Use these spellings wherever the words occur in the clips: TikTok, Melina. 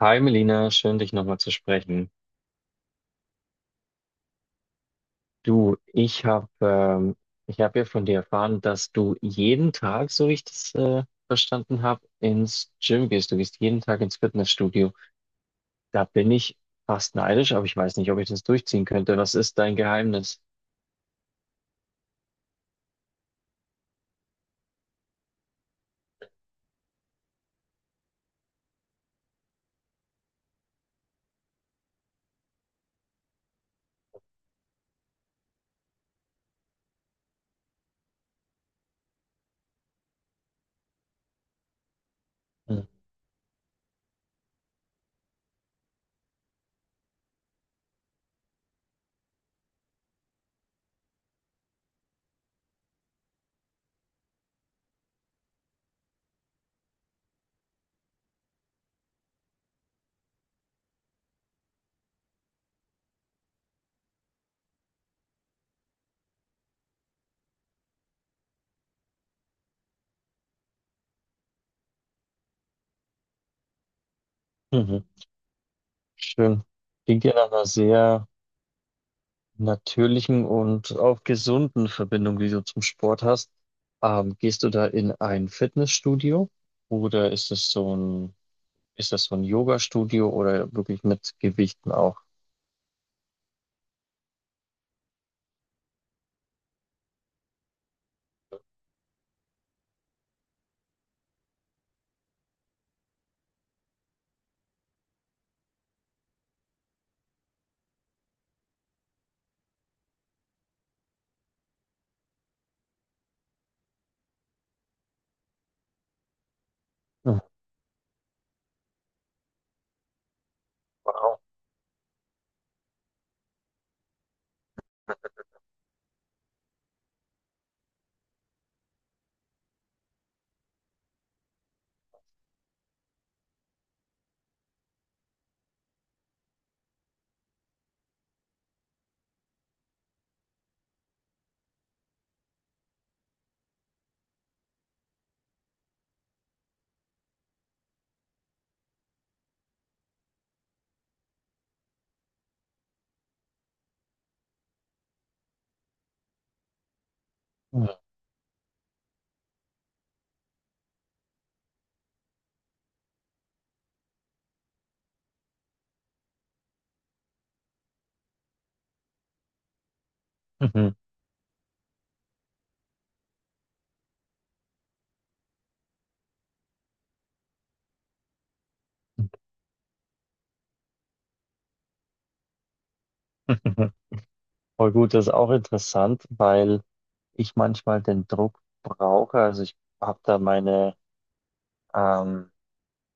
Hi Melina, schön dich nochmal zu sprechen. Du, ich hab ja von dir erfahren, dass du jeden Tag, so wie ich das verstanden habe, ins Gym gehst. Du gehst jeden Tag ins Fitnessstudio. Da bin ich fast neidisch, aber ich weiß nicht, ob ich das durchziehen könnte. Was ist dein Geheimnis? Hm. Mhm. Schön. Klingt ja nach einer sehr natürlichen und auch gesunden Verbindung, die du zum Sport hast. Gehst du da in ein Fitnessstudio. Oder ist es so ein Ist das so ein Yoga Studio oder wirklich mit Gewichten auch? Mhm. Wow. Mhm. Mhm. Mhm. Voll gut, das ist auch interessant, weil ich manchmal den Druck brauche. Also, ich habe da ähm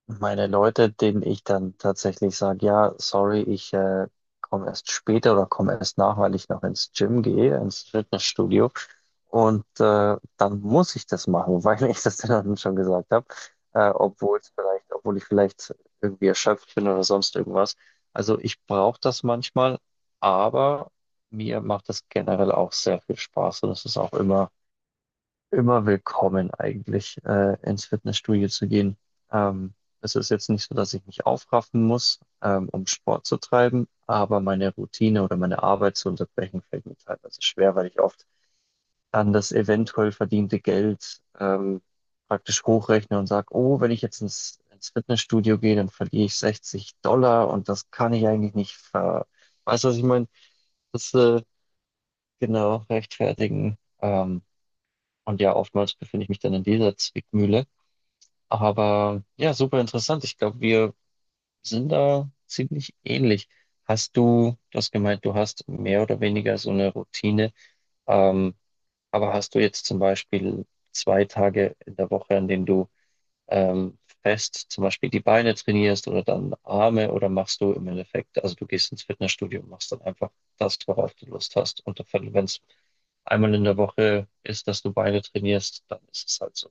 meine Leute, denen ich dann tatsächlich sage, ja, sorry, ich komme erst später oder komme erst nach, weil ich noch ins Gym gehe, ins Fitnessstudio. Und dann muss ich das machen, weil ich das dann schon gesagt habe, obwohl ich vielleicht irgendwie erschöpft bin oder sonst irgendwas. Also ich brauche das manchmal, aber mir macht das generell auch sehr viel Spaß, und es ist auch immer willkommen eigentlich, ins Fitnessstudio zu gehen. Ähm, Es ist jetzt nicht so, dass ich mich aufraffen muss, um Sport zu treiben, aber meine Routine oder meine Arbeit zu unterbrechen fällt mir teilweise schwer, weil ich oft an das eventuell verdiente Geld, praktisch hochrechne und sage, oh, wenn ich jetzt ins Fitnessstudio gehe, dann verliere ich 60 $, und das kann ich eigentlich nicht. Weißt du, was ich meine? Das, äh, genau, rechtfertigen. Und ja, oftmals befinde ich mich dann in dieser Zwickmühle. Aber ja, super interessant. Ich glaube, wir sind da ziemlich ähnlich. Du hast gemeint, du hast mehr oder weniger so eine Routine. Ähm, aber hast du jetzt zum Beispiel 2 Tage in der Woche, an denen du ähm, fest zum Beispiel die Beine trainierst oder dann Arme, oder machst du im Endeffekt, also du gehst ins Fitnessstudio und machst dann einfach das, worauf du Lust hast? Und wenn es einmal in der Woche ist, dass du Beine trainierst, dann ist es halt so.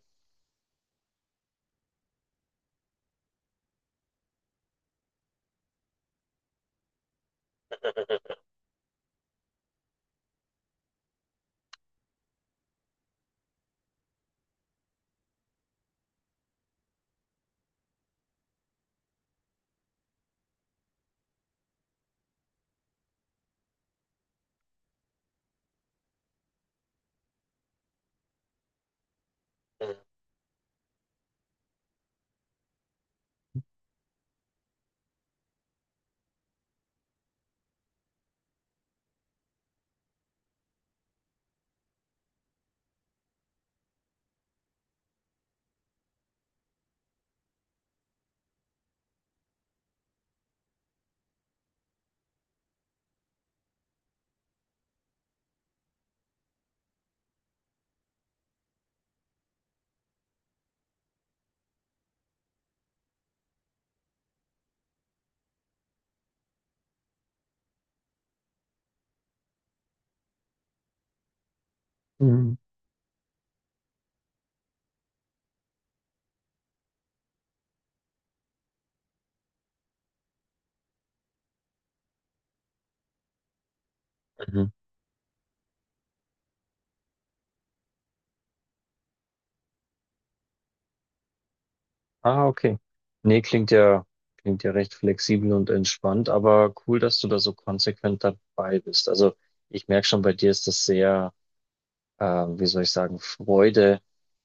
Mhm. Mhm. Ah, okay. Nee, klingt ja recht flexibel und entspannt, aber cool, dass du da so konsequent dabei bist. Also ich merke schon, bei dir ist das sehr, wie soll ich sagen, Freude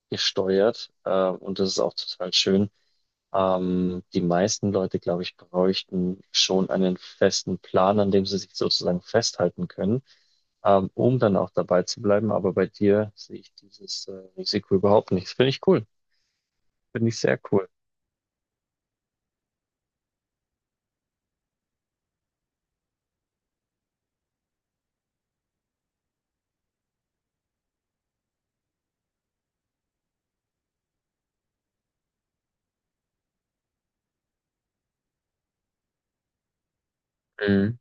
gesteuert, und das ist auch total schön. Die meisten Leute, glaube ich, bräuchten schon einen festen Plan, an dem sie sich sozusagen festhalten können, um dann auch dabei zu bleiben. Aber bei dir sehe ich dieses, Risiko überhaupt nicht. Das finde ich cool. Finde ich sehr cool. Mhm.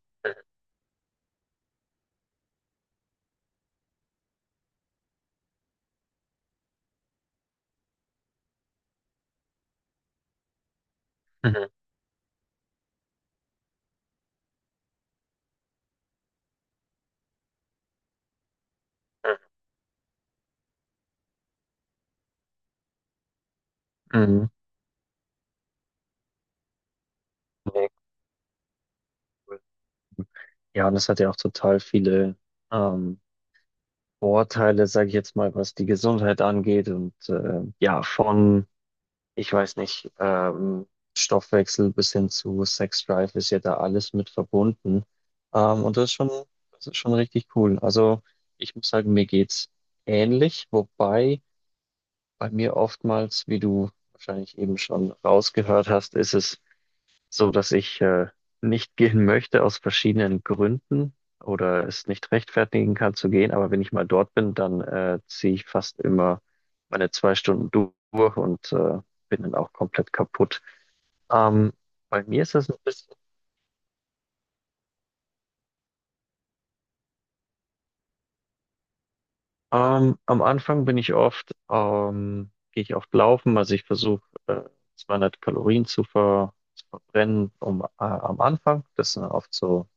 Mhm. Mhm. Mhm. Nee, cool. Ja, und es hat ja auch total viele ähm, Vorteile, sage ich jetzt mal, was die Gesundheit angeht. Und ja, von, ich weiß nicht, Stoffwechsel bis hin zu Sex Drive, ist ja da alles mit verbunden. Und das ist schon richtig cool. Also ich muss sagen, mir geht's ähnlich, wobei bei mir oftmals, wie du wahrscheinlich eben schon rausgehört hast, ist es so, dass ich nicht gehen möchte aus verschiedenen Gründen oder es nicht rechtfertigen kann zu gehen. Aber wenn ich mal dort bin, dann ziehe ich fast immer meine 2 Stunden durch und bin dann auch komplett kaputt. Ähm, Bei mir ist das ein bisschen, am Anfang gehe ich oft laufen, also ich versuche äh, 200 Kalorien zu verbrennen um am Anfang. Das sind oft so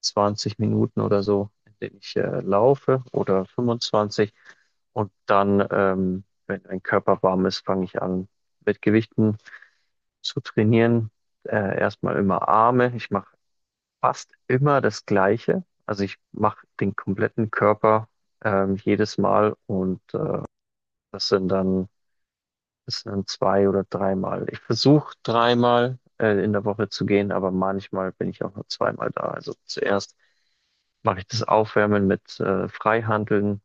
20 Minuten oder so, in denen ich laufe, oder 25. Und dann, wenn mein Körper warm ist, fange ich an, mit Gewichten zu trainieren. Erstmal immer Arme. Ich mache fast immer das Gleiche. Also ich mache den kompletten Körper jedes Mal, und das sind dann, das sind dann zwei oder dreimal. Ich versuche dreimal in der Woche zu gehen, aber manchmal bin ich auch nur zweimal da. Also zuerst mache ich das Aufwärmen mit Freihanteln.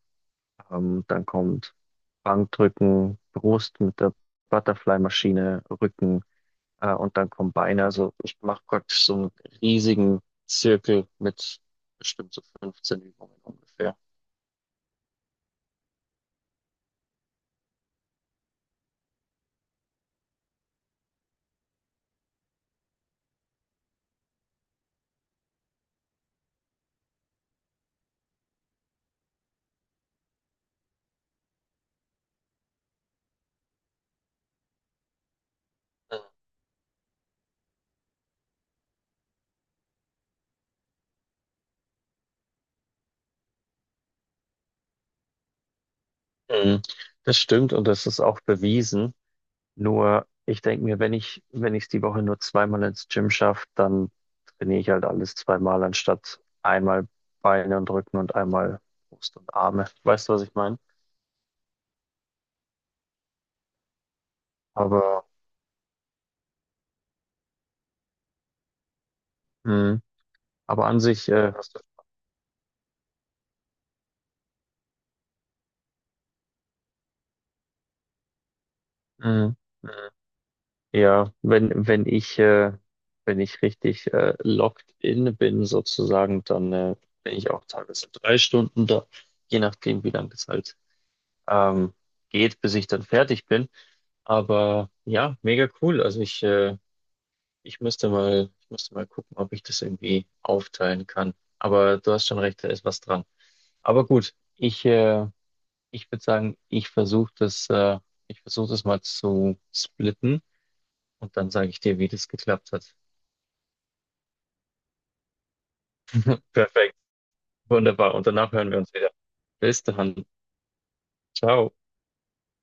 Dann kommt Bankdrücken, Brust mit der Butterfly-Maschine, Rücken und dann kommen Beine. Also ich mache praktisch so einen riesigen Zirkel mit bestimmt so 15 Übungen ungefähr. Mhm. Das stimmt, und das ist auch bewiesen. Nur, ich denke mir, wenn ich, wenn ich es die Woche nur zweimal ins Gym schaffe, dann trainiere ich halt alles zweimal, anstatt einmal Beine und Rücken und einmal Brust und Arme. Weißt du, was ich meine? Aber, mh, aber an sich, mh, ja, wenn ich richtig locked in bin, sozusagen, dann bin ich auch teilweise 3 Stunden da, je nachdem, wie lange es halt ähm, geht, bis ich dann fertig bin. Aber ja, mega cool. Also ich müsste mal gucken, ob ich das irgendwie aufteilen kann. Aber du hast schon recht, da ist was dran. Aber gut, ich würde sagen, ich versuche das mal zu splitten und dann sage ich dir, wie das geklappt hat. Perfekt, wunderbar. Und danach hören wir uns wieder. Bis dann. Ciao.